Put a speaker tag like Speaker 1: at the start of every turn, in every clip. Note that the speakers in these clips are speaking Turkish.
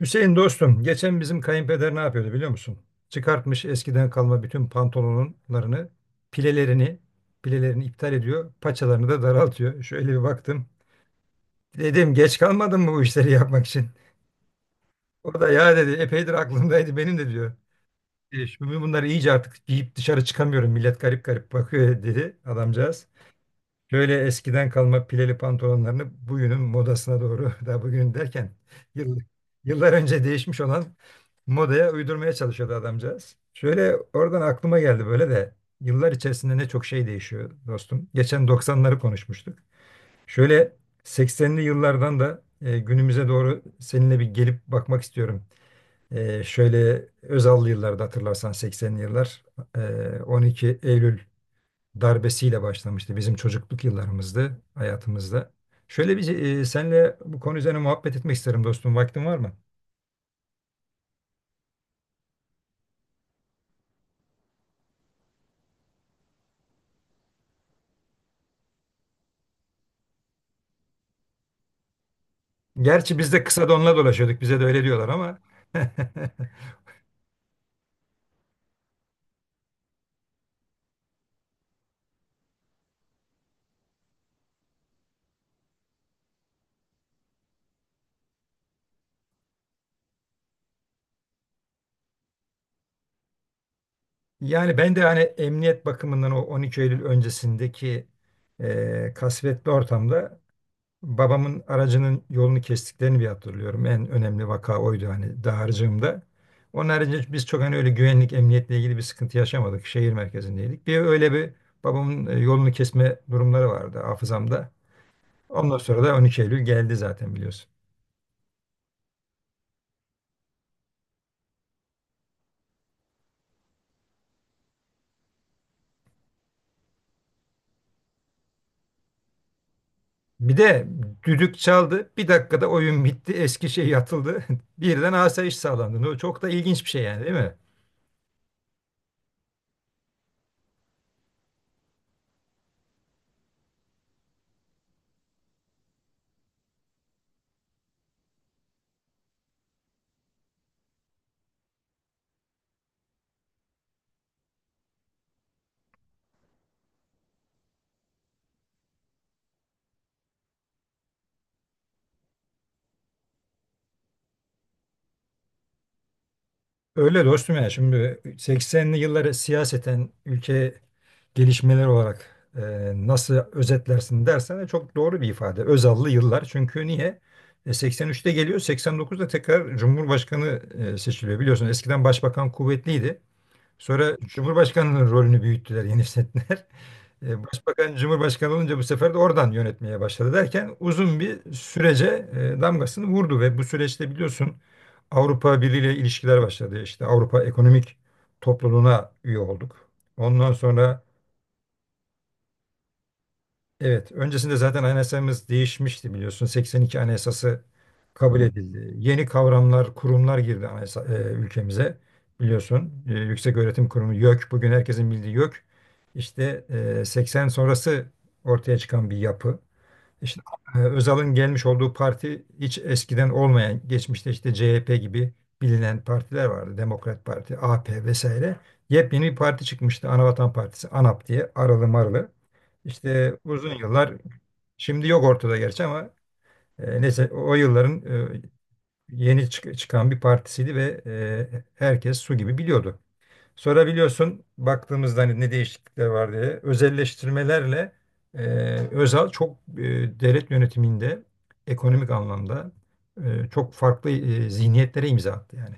Speaker 1: Hüseyin dostum, geçen bizim kayınpeder ne yapıyordu biliyor musun? Çıkartmış eskiden kalma bütün pantolonlarını, pilelerini, pilelerini iptal ediyor, paçalarını da daraltıyor. Şöyle bir baktım. Dedim, geç kalmadın mı bu işleri yapmak için? O da ya dedi epeydir aklımdaydı benim de diyor. Şimdi bunları iyice artık giyip dışarı çıkamıyorum. Millet garip garip bakıyor dedi adamcağız. Şöyle eskiden kalma pileli pantolonlarını bugünün modasına doğru, daha bugün derken yıl- yıllar önce değişmiş olan modaya uydurmaya çalışıyordu adamcağız. Şöyle oradan aklıma geldi, böyle de yıllar içerisinde ne çok şey değişiyor dostum. Geçen 90'ları konuşmuştuk. Şöyle 80'li yıllardan da günümüze doğru seninle bir gelip bakmak istiyorum. Şöyle Özallı yıllarda hatırlarsan 80'li yıllar 12 Eylül darbesiyle başlamıştı bizim çocukluk yıllarımızda, hayatımızda. Şöyle bir senle bu konu üzerine muhabbet etmek isterim dostum. Vaktin var mı? Gerçi biz de kısa donla dolaşıyorduk. Bize de öyle diyorlar ama. Yani ben de hani emniyet bakımından o 12 Eylül öncesindeki kasvetli ortamda babamın aracının yolunu kestiklerini bir hatırlıyorum. En önemli vaka oydu hani dağarcığımda. Onun haricinde biz çok hani öyle güvenlik, emniyetle ilgili bir sıkıntı yaşamadık. Şehir merkezindeydik. Bir öyle bir babamın yolunu kesme durumları vardı hafızamda. Ondan sonra da 12 Eylül geldi zaten, biliyorsun. Bir de düdük çaldı. Bir dakikada oyun bitti. Eski şey yatıldı. Birden asayiş sağlandı. O çok da ilginç bir şey yani, değil mi? Öyle dostum. Ya şimdi 80'li yılları siyaseten ülke gelişmeler olarak nasıl özetlersin dersen de çok doğru bir ifade. Özallı yıllar. Çünkü niye? 83'te geliyor, 89'da tekrar Cumhurbaşkanı seçiliyor. Biliyorsun eskiden başbakan kuvvetliydi. Sonra Cumhurbaşkanı'nın rolünü büyüttüler, genişlettiler. Başbakan Cumhurbaşkanı olunca bu sefer de oradan yönetmeye başladı derken uzun bir sürece damgasını vurdu ve bu süreçte biliyorsun Avrupa Birliği ile ilişkiler başladı. İşte Avrupa Ekonomik Topluluğu'na üye olduk. Ondan sonra... Evet, öncesinde zaten anayasamız değişmişti, biliyorsun. 82 Anayasası kabul edildi. Yeni kavramlar, kurumlar girdi anayasa, ülkemize, biliyorsun. Yüksek Öğretim Kurumu YÖK, bugün herkesin bildiği YÖK. İşte 80 sonrası ortaya çıkan bir yapı. İşte Özal'ın gelmiş olduğu parti hiç eskiden olmayan, geçmişte işte CHP gibi bilinen partiler vardı. Demokrat Parti, AP vesaire. Yepyeni bir parti çıkmıştı. Anavatan Partisi, ANAP diye, aralı marlı. İşte uzun yıllar şimdi yok ortada gerçi ama neyse o yılların e, yeni çıkan bir partisiydi ve herkes su gibi biliyordu. Sorabiliyorsun baktığımızda hani ne değişiklikler var diye. Özelleştirmelerle e, Özal çok devlet yönetiminde ekonomik anlamda çok farklı zihniyetlere imza attı yani.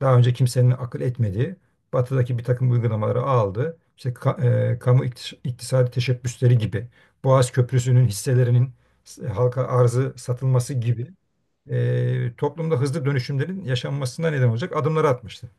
Speaker 1: Daha önce kimsenin akıl etmediği batıdaki bir takım uygulamaları aldı. İşte kamu iktisadi teşebbüsleri gibi, Boğaz Köprüsü'nün hisselerinin halka arzı satılması gibi toplumda hızlı dönüşümlerin yaşanmasına neden olacak adımları atmıştı.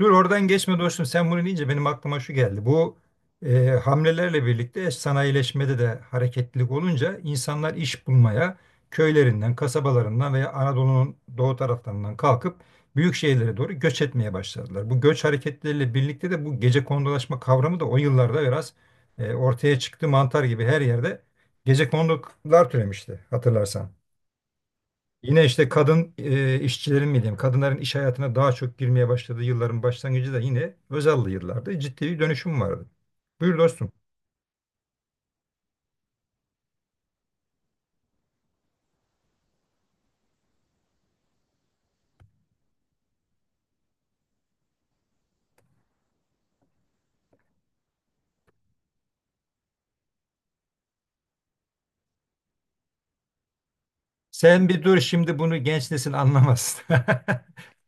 Speaker 1: Dur oradan geçme dostum. Sen bunu deyince benim aklıma şu geldi. Bu hamlelerle birlikte sanayileşmede de hareketlilik olunca insanlar iş bulmaya köylerinden, kasabalarından veya Anadolu'nun doğu taraflarından kalkıp büyük şehirlere doğru göç etmeye başladılar. Bu göç hareketleriyle birlikte de bu gecekondulaşma kavramı da o yıllarda biraz ortaya çıktı. Mantar gibi her yerde gecekondular türemişti, hatırlarsan. Yine işte kadın işçilerin mi diyeyim, kadınların iş hayatına daha çok girmeye başladığı yılların başlangıcı da yine Özal'lı yıllarda ciddi bir dönüşüm vardı. Buyur dostum. Sen bir dur şimdi, bunu genç nesil anlamaz.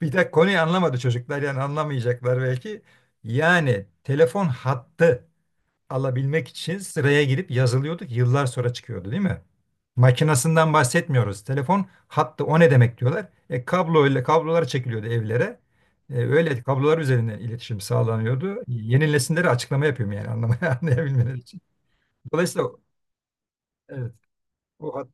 Speaker 1: Bir de konuyu anlamadı çocuklar yani anlamayacaklar belki. Yani telefon hattı alabilmek için sıraya girip yazılıyorduk. Yıllar sonra çıkıyordu değil mi? Makinasından bahsetmiyoruz. Telefon hattı o ne demek diyorlar. Kablo ile kablolar çekiliyordu evlere. Öyle kablolar üzerinden iletişim sağlanıyordu. Yeni nesillere açıklama yapıyorum yani anlamaya anlayabilmeleri için. Dolayısıyla evet, o...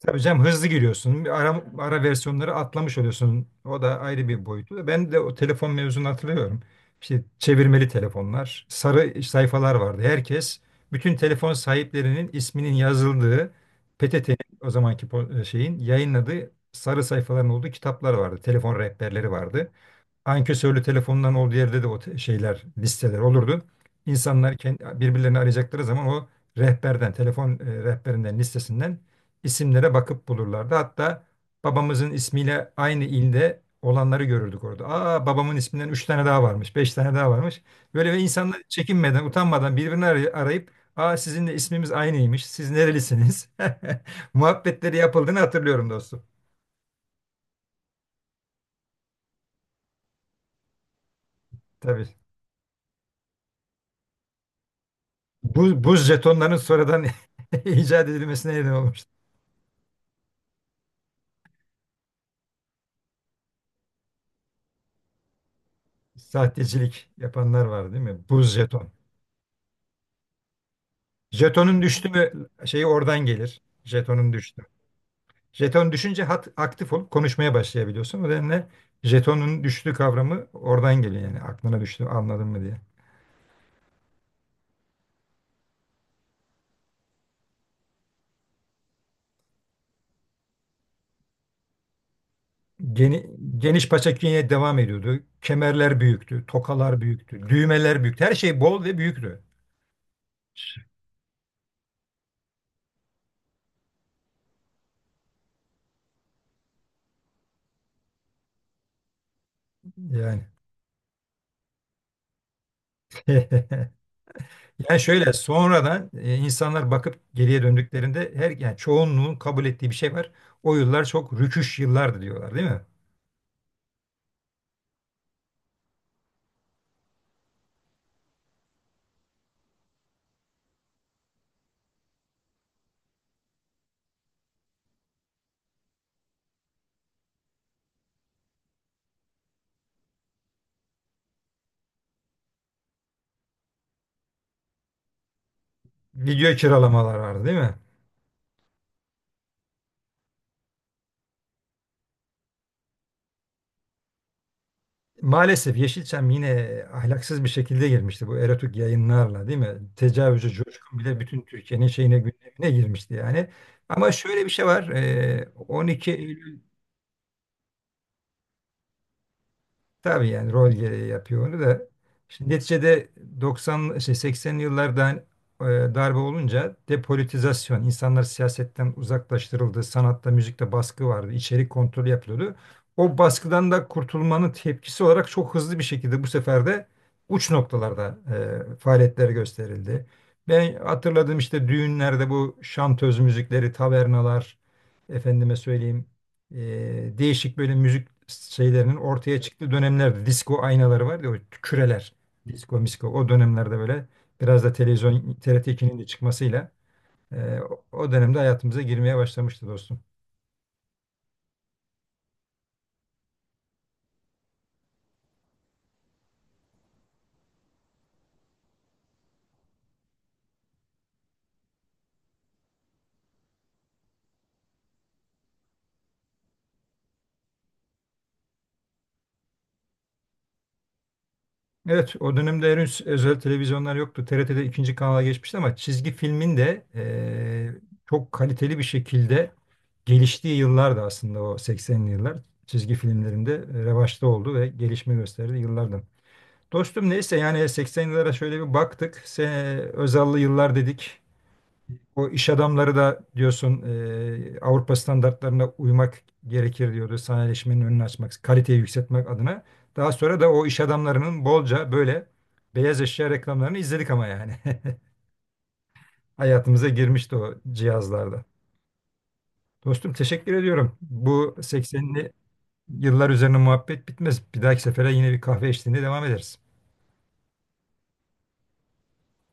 Speaker 1: Tabii canım hızlı giriyorsun. Ara versiyonları atlamış oluyorsun. O da ayrı bir boyutu. Ben de o telefon mevzunu hatırlıyorum. İşte çevirmeli telefonlar, sarı sayfalar vardı. Herkes, bütün telefon sahiplerinin isminin yazıldığı PTT'nin o zamanki şeyin yayınladığı sarı sayfaların olduğu kitaplar vardı. Telefon rehberleri vardı, ankesörlü telefonların olduğu yerde de o şeyler, listeler olurdu. İnsanlar kendi, birbirlerini arayacakları zaman o rehberden, telefon rehberinden, listesinden isimlere bakıp bulurlardı. Hatta babamızın ismiyle aynı ilde olanları görürdük orada. Aa, babamın isminden üç tane daha varmış, beş tane daha varmış. Böyle ve insanlar çekinmeden, utanmadan birbirini arayıp, aa sizin de ismimiz aynıymış. Siz nerelisiniz? Muhabbetleri yapıldığını hatırlıyorum dostum. Tabii. Buz jetonların sonradan icat edilmesine neden olmuş. Sahtecilik yapanlar var değil mi? Buz jeton. Jetonun düştü mü şeyi oradan gelir. Jetonun düştü. Jeton düşünce hat aktif olup konuşmaya başlayabiliyorsun. O nedenle jetonun düştü kavramı oradan geliyor yani aklına düştü anladın mı diye. Geni, geniş paça künye devam ediyordu. Kemerler büyüktü, tokalar büyüktü, düğmeler büyüktü. Her şey bol ve büyüktü. Yani. Yani şöyle sonradan insanlar bakıp geriye döndüklerinde her yani çoğunluğun kabul ettiği bir şey var. O yıllar çok rüküş yıllardı diyorlar değil mi? Video kiralamalar vardı değil mi? Maalesef Yeşilçam yine ahlaksız bir şekilde girmişti bu erotik yayınlarla değil mi? Tecavüzcü Coşkun bile bütün Türkiye'nin şeyine gündemine girmişti yani. Ama şöyle bir şey var. 12 Eylül... Tabii yani rol gereği yapıyor onu da. Şimdi neticede 90 şey 80'li yıllarda hani, darbe olunca depolitizasyon, insanlar siyasetten uzaklaştırıldı, sanatta, müzikte baskı vardı, içerik kontrolü yapılıyordu. O baskıdan da kurtulmanın tepkisi olarak çok hızlı bir şekilde bu sefer de uç noktalarda faaliyetler gösterildi. Ben hatırladım işte düğünlerde bu şantöz müzikleri, tavernalar, efendime söyleyeyim değişik böyle müzik şeylerinin ortaya çıktığı dönemlerde disco aynaları var ya, o küreler, disco misko o dönemlerde böyle biraz da televizyon TRT2'nin de çıkmasıyla o dönemde hayatımıza girmeye başlamıştı dostum. Evet o dönemde henüz özel televizyonlar yoktu. TRT'de ikinci kanala geçmişti ama çizgi filmin de çok kaliteli bir şekilde geliştiği yıllardı aslında o 80'li yıllar. Çizgi filmlerinde revaçta oldu ve gelişme gösterdi yıllardan. Dostum neyse yani 80 yıllara şöyle bir baktık. Özal'lı yıllar dedik. O iş adamları da diyorsun Avrupa standartlarına uymak gerekir diyordu sanayileşmenin önünü açmak, kaliteyi yükseltmek adına. Daha sonra da o iş adamlarının bolca böyle beyaz eşya reklamlarını izledik ama yani. Hayatımıza girmişti o cihazlarda. Dostum teşekkür ediyorum. Bu 80'li yıllar üzerine muhabbet bitmez. Bir dahaki sefere yine bir kahve eşliğinde devam ederiz.